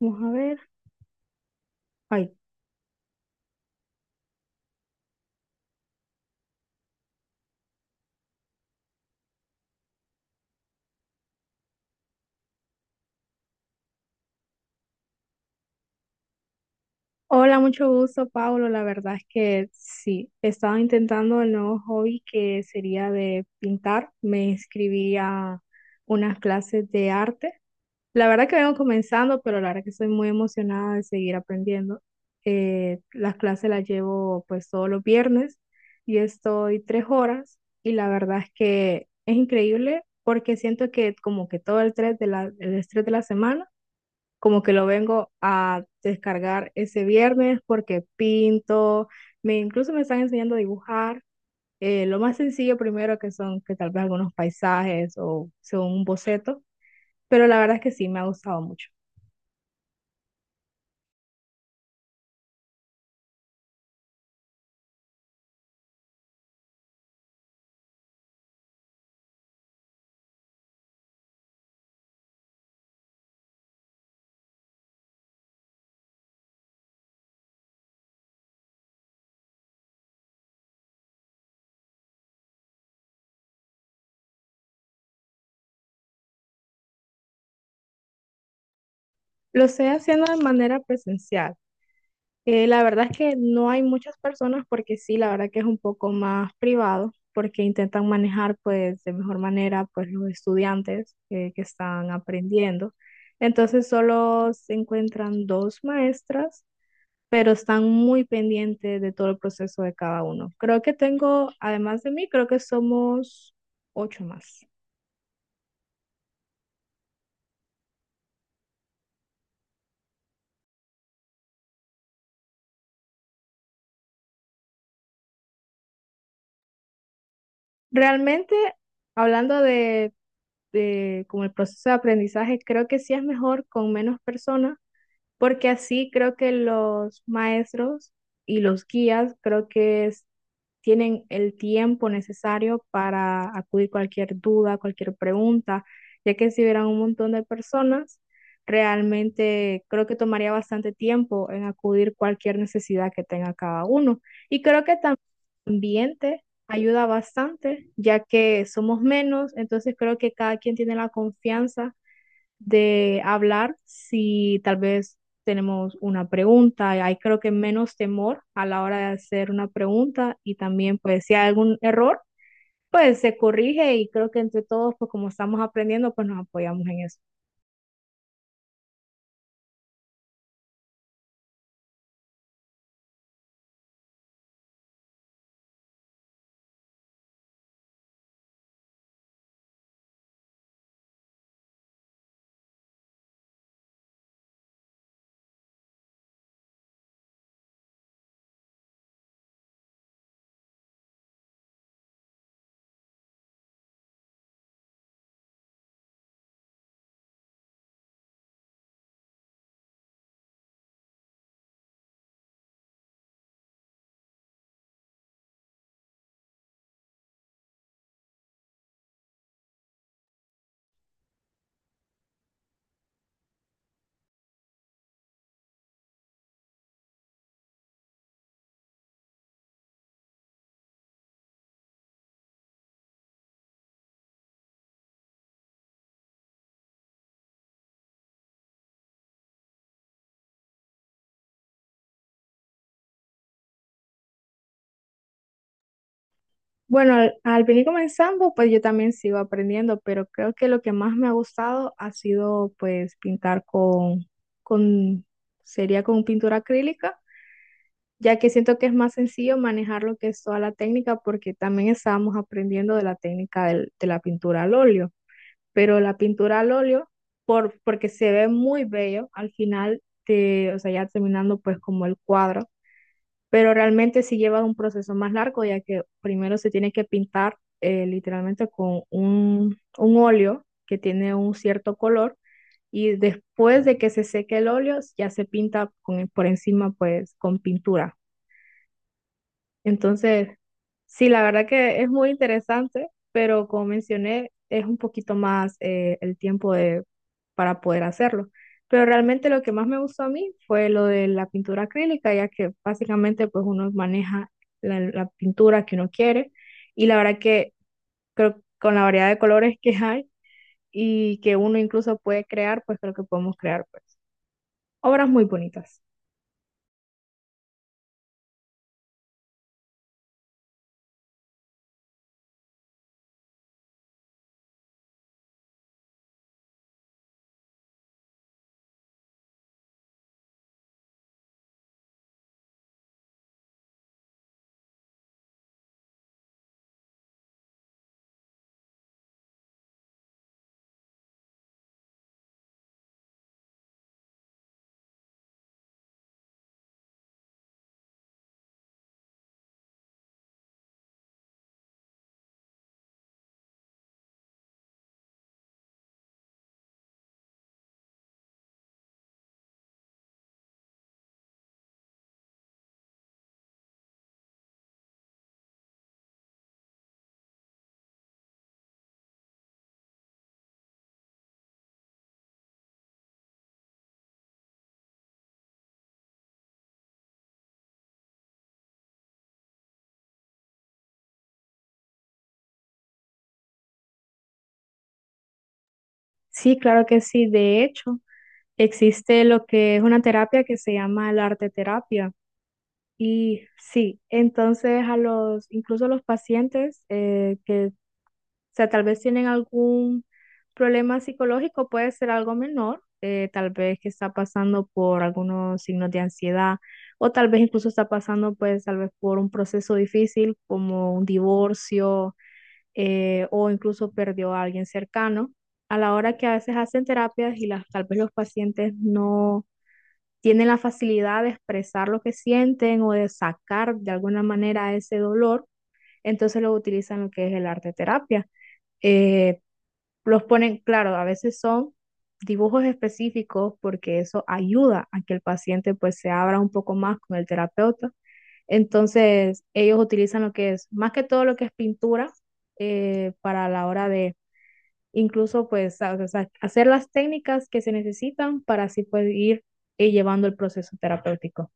Vamos a ver. Ay. Hola, mucho gusto, Pablo. La verdad es que sí, he estado intentando el nuevo hobby que sería de pintar. Me inscribí a unas clases de arte. La verdad que vengo comenzando, pero la verdad que estoy muy emocionada de seguir aprendiendo. Las clases las llevo pues todos los viernes y estoy 3 horas y la verdad es que es increíble porque siento que como que todo el estrés el estrés de la semana como que lo vengo a descargar ese viernes porque pinto, me incluso me están enseñando a dibujar. Lo más sencillo primero que son que tal vez algunos paisajes o son un boceto, pero la verdad es que sí me ha gustado mucho. Lo estoy haciendo de manera presencial. La verdad es que no hay muchas personas porque sí, la verdad que es un poco más privado porque intentan manejar pues de mejor manera pues los estudiantes que están aprendiendo. Entonces solo se encuentran dos maestras, pero están muy pendientes de todo el proceso de cada uno. Creo que tengo, además de mí, creo que somos ocho más. Realmente, hablando de como el proceso de aprendizaje, creo que sí es mejor con menos personas porque así creo que los maestros y los guías creo que tienen el tiempo necesario para acudir cualquier duda, cualquier pregunta, ya que si hubieran un montón de personas, realmente creo que tomaría bastante tiempo en acudir cualquier necesidad que tenga cada uno. Y creo que también el ambiente ayuda bastante, ya que somos menos, entonces creo que cada quien tiene la confianza de hablar si tal vez tenemos una pregunta. Hay creo que menos temor a la hora de hacer una pregunta y también pues si hay algún error, pues se corrige y creo que entre todos pues como estamos aprendiendo pues nos apoyamos en eso. Bueno, al venir comenzando pues yo también sigo aprendiendo, pero creo que lo que más me ha gustado ha sido pues pintar con, sería con pintura acrílica, ya que siento que es más sencillo manejar lo que es toda la técnica porque también estábamos aprendiendo de la técnica de la pintura al óleo, pero la pintura al óleo, porque se ve muy bello al final, de, o sea, ya terminando pues como el cuadro, pero realmente sí lleva un proceso más largo ya que primero se tiene que pintar literalmente con un óleo que tiene un cierto color y después de que se seque el óleo ya se pinta con, por encima pues con pintura. Entonces, sí, la verdad que es muy interesante, pero como mencioné, es un poquito más el tiempo de, para poder hacerlo. Pero realmente lo que más me gustó a mí fue lo de la pintura acrílica, ya que básicamente pues uno maneja la pintura que uno quiere y la verdad que creo que con la variedad de colores que hay y que uno incluso puede crear, pues creo que podemos crear pues obras muy bonitas. Sí, claro que sí. De hecho. Existe lo que es una terapia que se llama la arte terapia. Y sí, entonces a los, incluso a los pacientes que, o sea, tal vez tienen algún problema psicológico, puede ser algo menor, tal vez que está pasando por algunos signos de ansiedad o tal vez incluso está pasando pues tal vez por un proceso difícil como un divorcio, o incluso perdió a alguien cercano. A la hora que a veces hacen terapias y las, tal vez los pacientes no tienen la facilidad de expresar lo que sienten o de sacar de alguna manera ese dolor, entonces lo utilizan lo que es el arte terapia. Eh, los ponen, claro, a veces son dibujos específicos porque eso ayuda a que el paciente pues se abra un poco más con el terapeuta. Entonces ellos utilizan lo que es, más que todo lo que es pintura, para la hora de incluso pues o sea, hacer las técnicas que se necesitan para así pues ir, llevando el proceso terapéutico.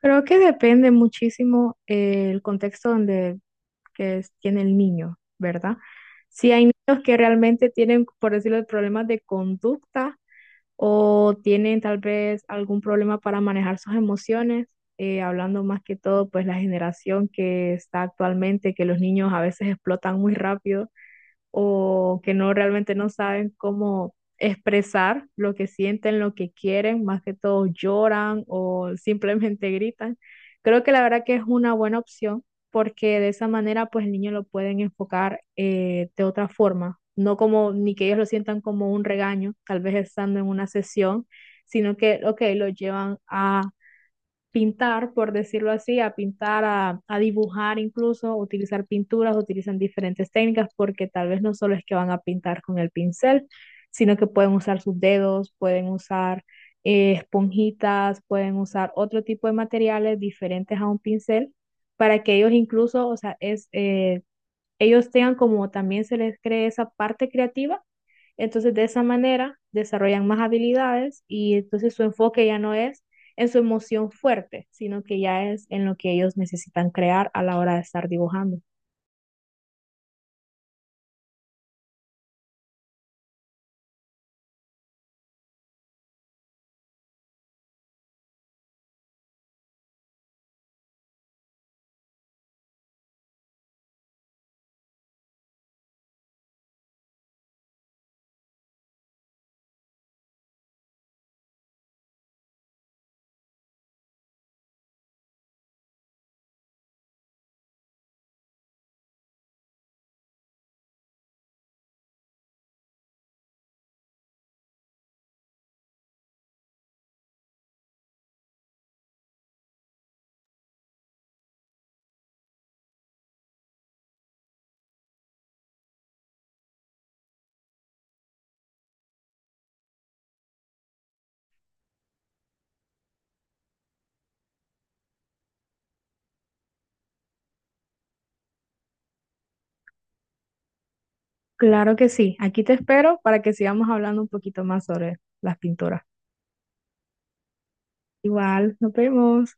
Creo que depende muchísimo el contexto donde tiene el niño, ¿verdad? Si hay niños que realmente tienen, por decirlo, problemas de conducta o tienen tal vez algún problema para manejar sus emociones, hablando más que todo, pues la generación que está actualmente, que los niños a veces explotan muy rápido o que no realmente no saben cómo expresar lo que sienten, lo que quieren, más que todo lloran o simplemente gritan. Creo que la verdad que es una buena opción porque de esa manera pues el niño lo pueden enfocar de otra forma, no como ni que ellos lo sientan como un regaño, tal vez estando en una sesión, sino que, ok, lo llevan a pintar, por decirlo así, a pintar, a dibujar incluso, utilizar pinturas, utilizan diferentes técnicas porque tal vez no solo es que van a pintar con el pincel, sino que pueden usar sus dedos, pueden usar esponjitas, pueden usar otro tipo de materiales diferentes a un pincel para que ellos incluso, o sea, ellos tengan como también se les cree esa parte creativa, entonces, de esa manera, desarrollan más habilidades y entonces su enfoque ya no es en su emoción fuerte, sino que ya es en lo que ellos necesitan crear a la hora de estar dibujando. Claro que sí, aquí te espero para que sigamos hablando un poquito más sobre las pinturas. Igual, nos vemos.